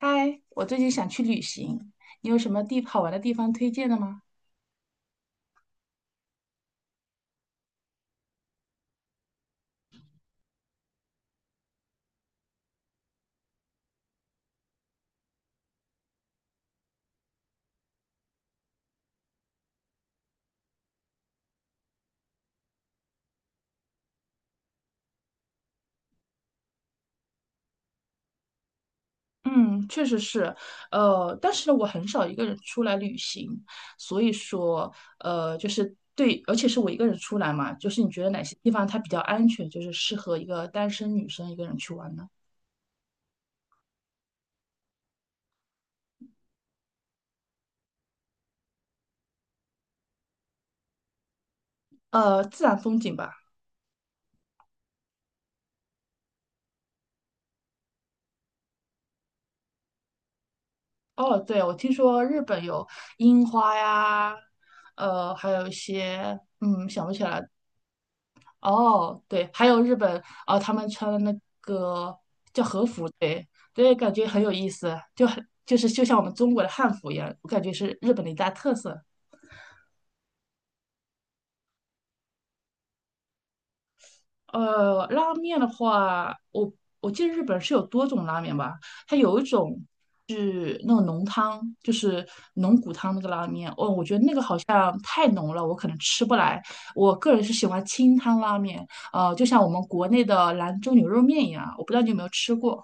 嗨，我最近想去旅行，你有什么地好玩的地方推荐的吗？嗯，确实是，但是呢我很少一个人出来旅行，所以说，就是对，而且是我一个人出来嘛，就是你觉得哪些地方它比较安全，就是适合一个单身女生一个人去玩呢？自然风景吧。哦，对，我听说日本有樱花呀，还有一些，想不起来，哦，对，还有日本，啊，他们穿的那个叫和服，对，对，感觉很有意思，就就像我们中国的汉服一样，我感觉是日本的一大特色。拉面的话，我记得日本是有多种拉面吧，它有一种是那种浓汤，就是浓骨汤那个拉面，哦，我觉得那个好像太浓了，我可能吃不来。我个人是喜欢清汤拉面，就像我们国内的兰州牛肉面一样，我不知道你有没有吃过。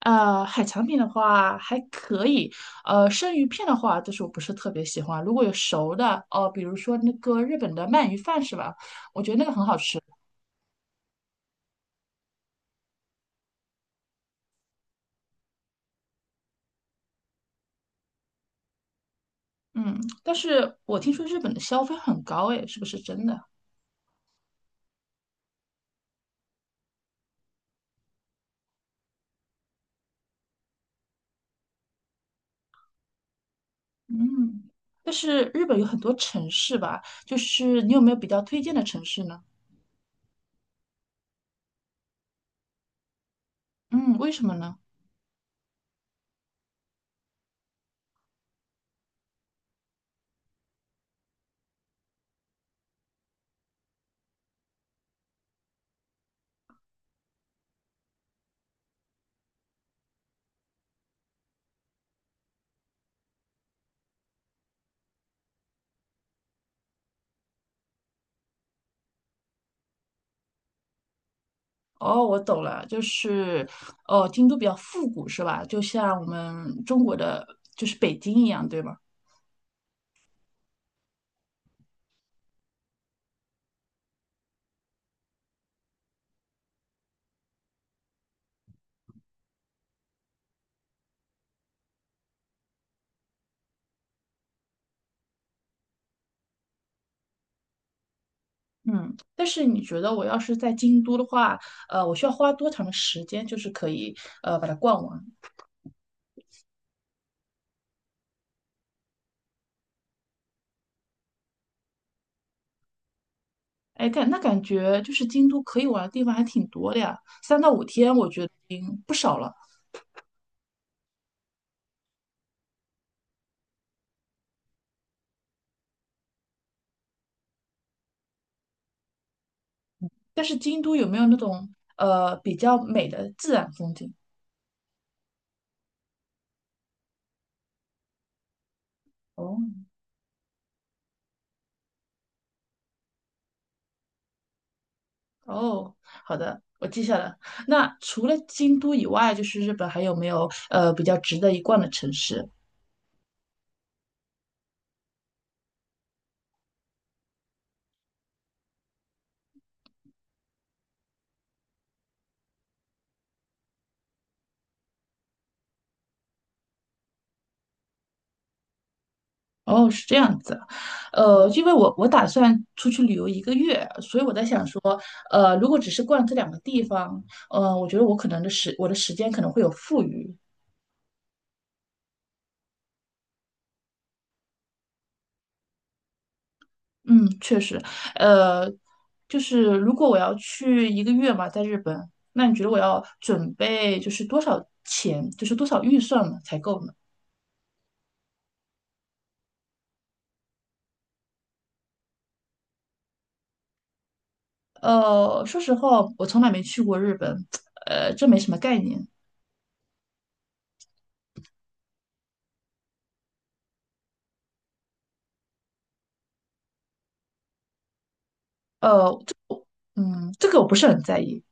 海产品的话还可以，生鱼片的话，就是我不是特别喜欢。如果有熟的，哦，比如说那个日本的鳗鱼饭是吧？我觉得那个很好吃。嗯，但是我听说日本的消费很高，诶，是不是真的？嗯，但是日本有很多城市吧，就是你有没有比较推荐的城市呢？嗯，为什么呢？哦，我懂了，就是，哦，京都比较复古是吧？就像我们中国的，就是北京一样，对吗？嗯，但是你觉得我要是在京都的话，我需要花多长的时间，就是可以把它逛完？哎，感觉就是京都可以玩的地方还挺多的呀，3到5天我觉得已经不少了。但是京都有没有那种比较美的自然风景？哦哦，好的，我记下了。那除了京都以外，就是日本还有没有比较值得一逛的城市？哦，是这样子，因为我打算出去旅游一个月，所以我在想说，如果只是逛这两个地方，我觉得我的时间可能会有富余。嗯，确实，呃，就是如果我要去一个月嘛，在日本，那你觉得我要准备就是多少钱，就是多少预算嘛才够呢？说实话，我从来没去过日本，这没什么概念。呃，这这个我不是很在意。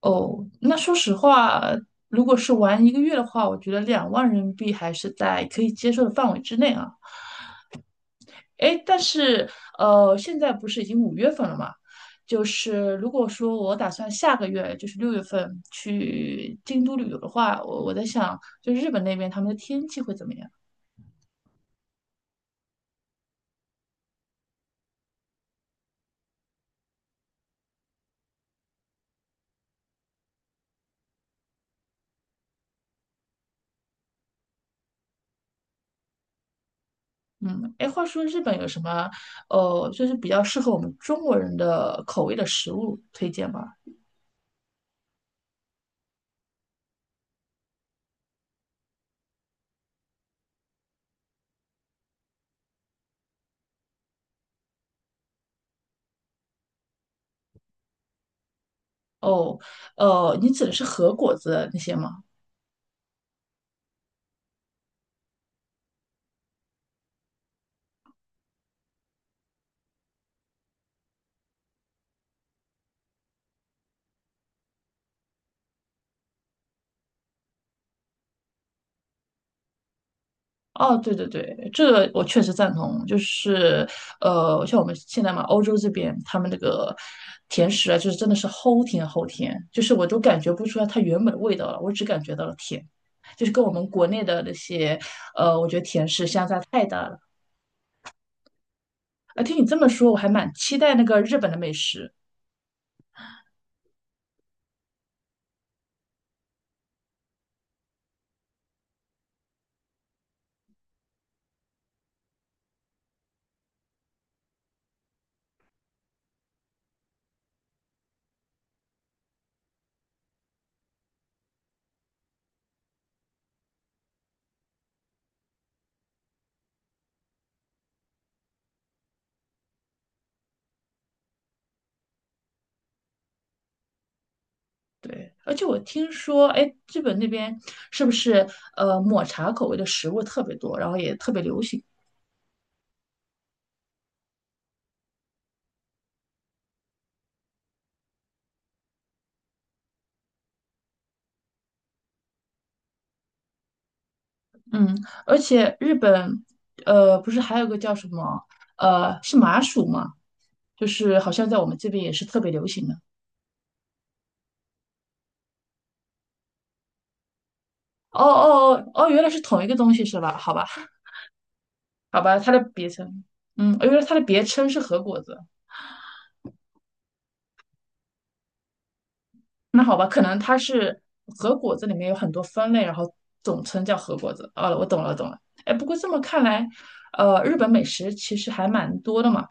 哦，那说实话，如果是玩一个月的话，我觉得2万人民币还是在可以接受的范围之内啊。诶，但是现在不是已经5月份了嘛？就是如果说我打算下个月，就是6月份去京都旅游的话，我在想，就日本那边他们的天气会怎么样？嗯，诶，话说日本有什么就是比较适合我们中国人的口味的食物推荐吗？哦，你指的是和果子那些吗？哦，对对对，这个我确实赞同。就是，像我们现在嘛，欧洲这边他们那个甜食啊，就是真的是齁甜齁甜，就是我都感觉不出来它原本的味道了，我只感觉到了甜，就是跟我们国内的那些，我觉得甜食相差太大了。啊，听你这么说，我还蛮期待那个日本的美食。对，而且我听说，哎，日本那边是不是抹茶口味的食物特别多，然后也特别流行？嗯，而且日本，不是还有个叫什么，是麻薯吗？就是好像在我们这边也是特别流行的。哦哦哦哦，原来是同一个东西是吧？好吧，好吧，它的别称，哦原来它的别称是核果子。那好吧，可能它是核果子里面有很多分类，然后总称叫核果子。哦，我懂了，懂了。哎，不过这么看来，日本美食其实还蛮多的嘛。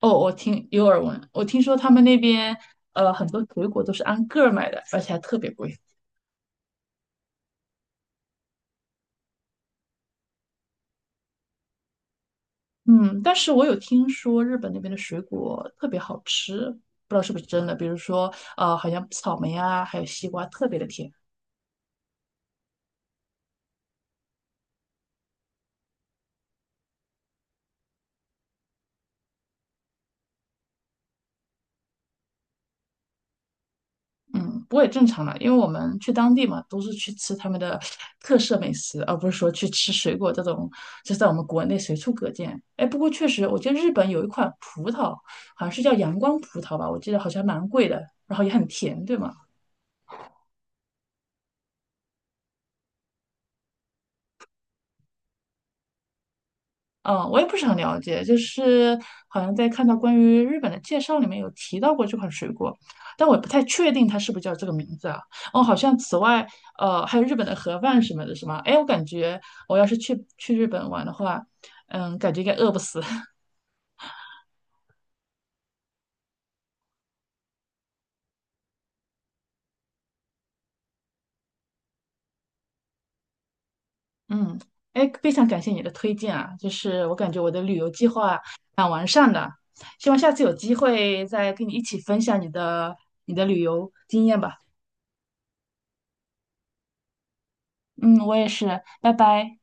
哦，我听有耳闻，我听说他们那边很多水果都是按个儿卖的，而且还特别贵。嗯，但是我有听说日本那边的水果特别好吃，不知道是不是真的。比如说好像草莓啊，还有西瓜特别的甜。嗯，不过也正常了，因为我们去当地嘛，都是去吃他们的特色美食，而不是说去吃水果这种，就在我们国内随处可见。哎，不过确实，我记得日本有一款葡萄，好像是叫阳光葡萄吧，我记得好像蛮贵的，然后也很甜，对吗？嗯，我也不是很了解，就是好像在看到关于日本的介绍里面有提到过这款水果，但我不太确定它是不是叫这个名字啊。哦，好像此外，还有日本的盒饭什么的，是吗？哎，我感觉我要是去日本玩的话，嗯，感觉应该饿不死。嗯，哎，非常感谢你的推荐啊，就是我感觉我的旅游计划蛮完善的，希望下次有机会再跟你一起分享你的旅游经验吧。嗯，我也是，拜拜。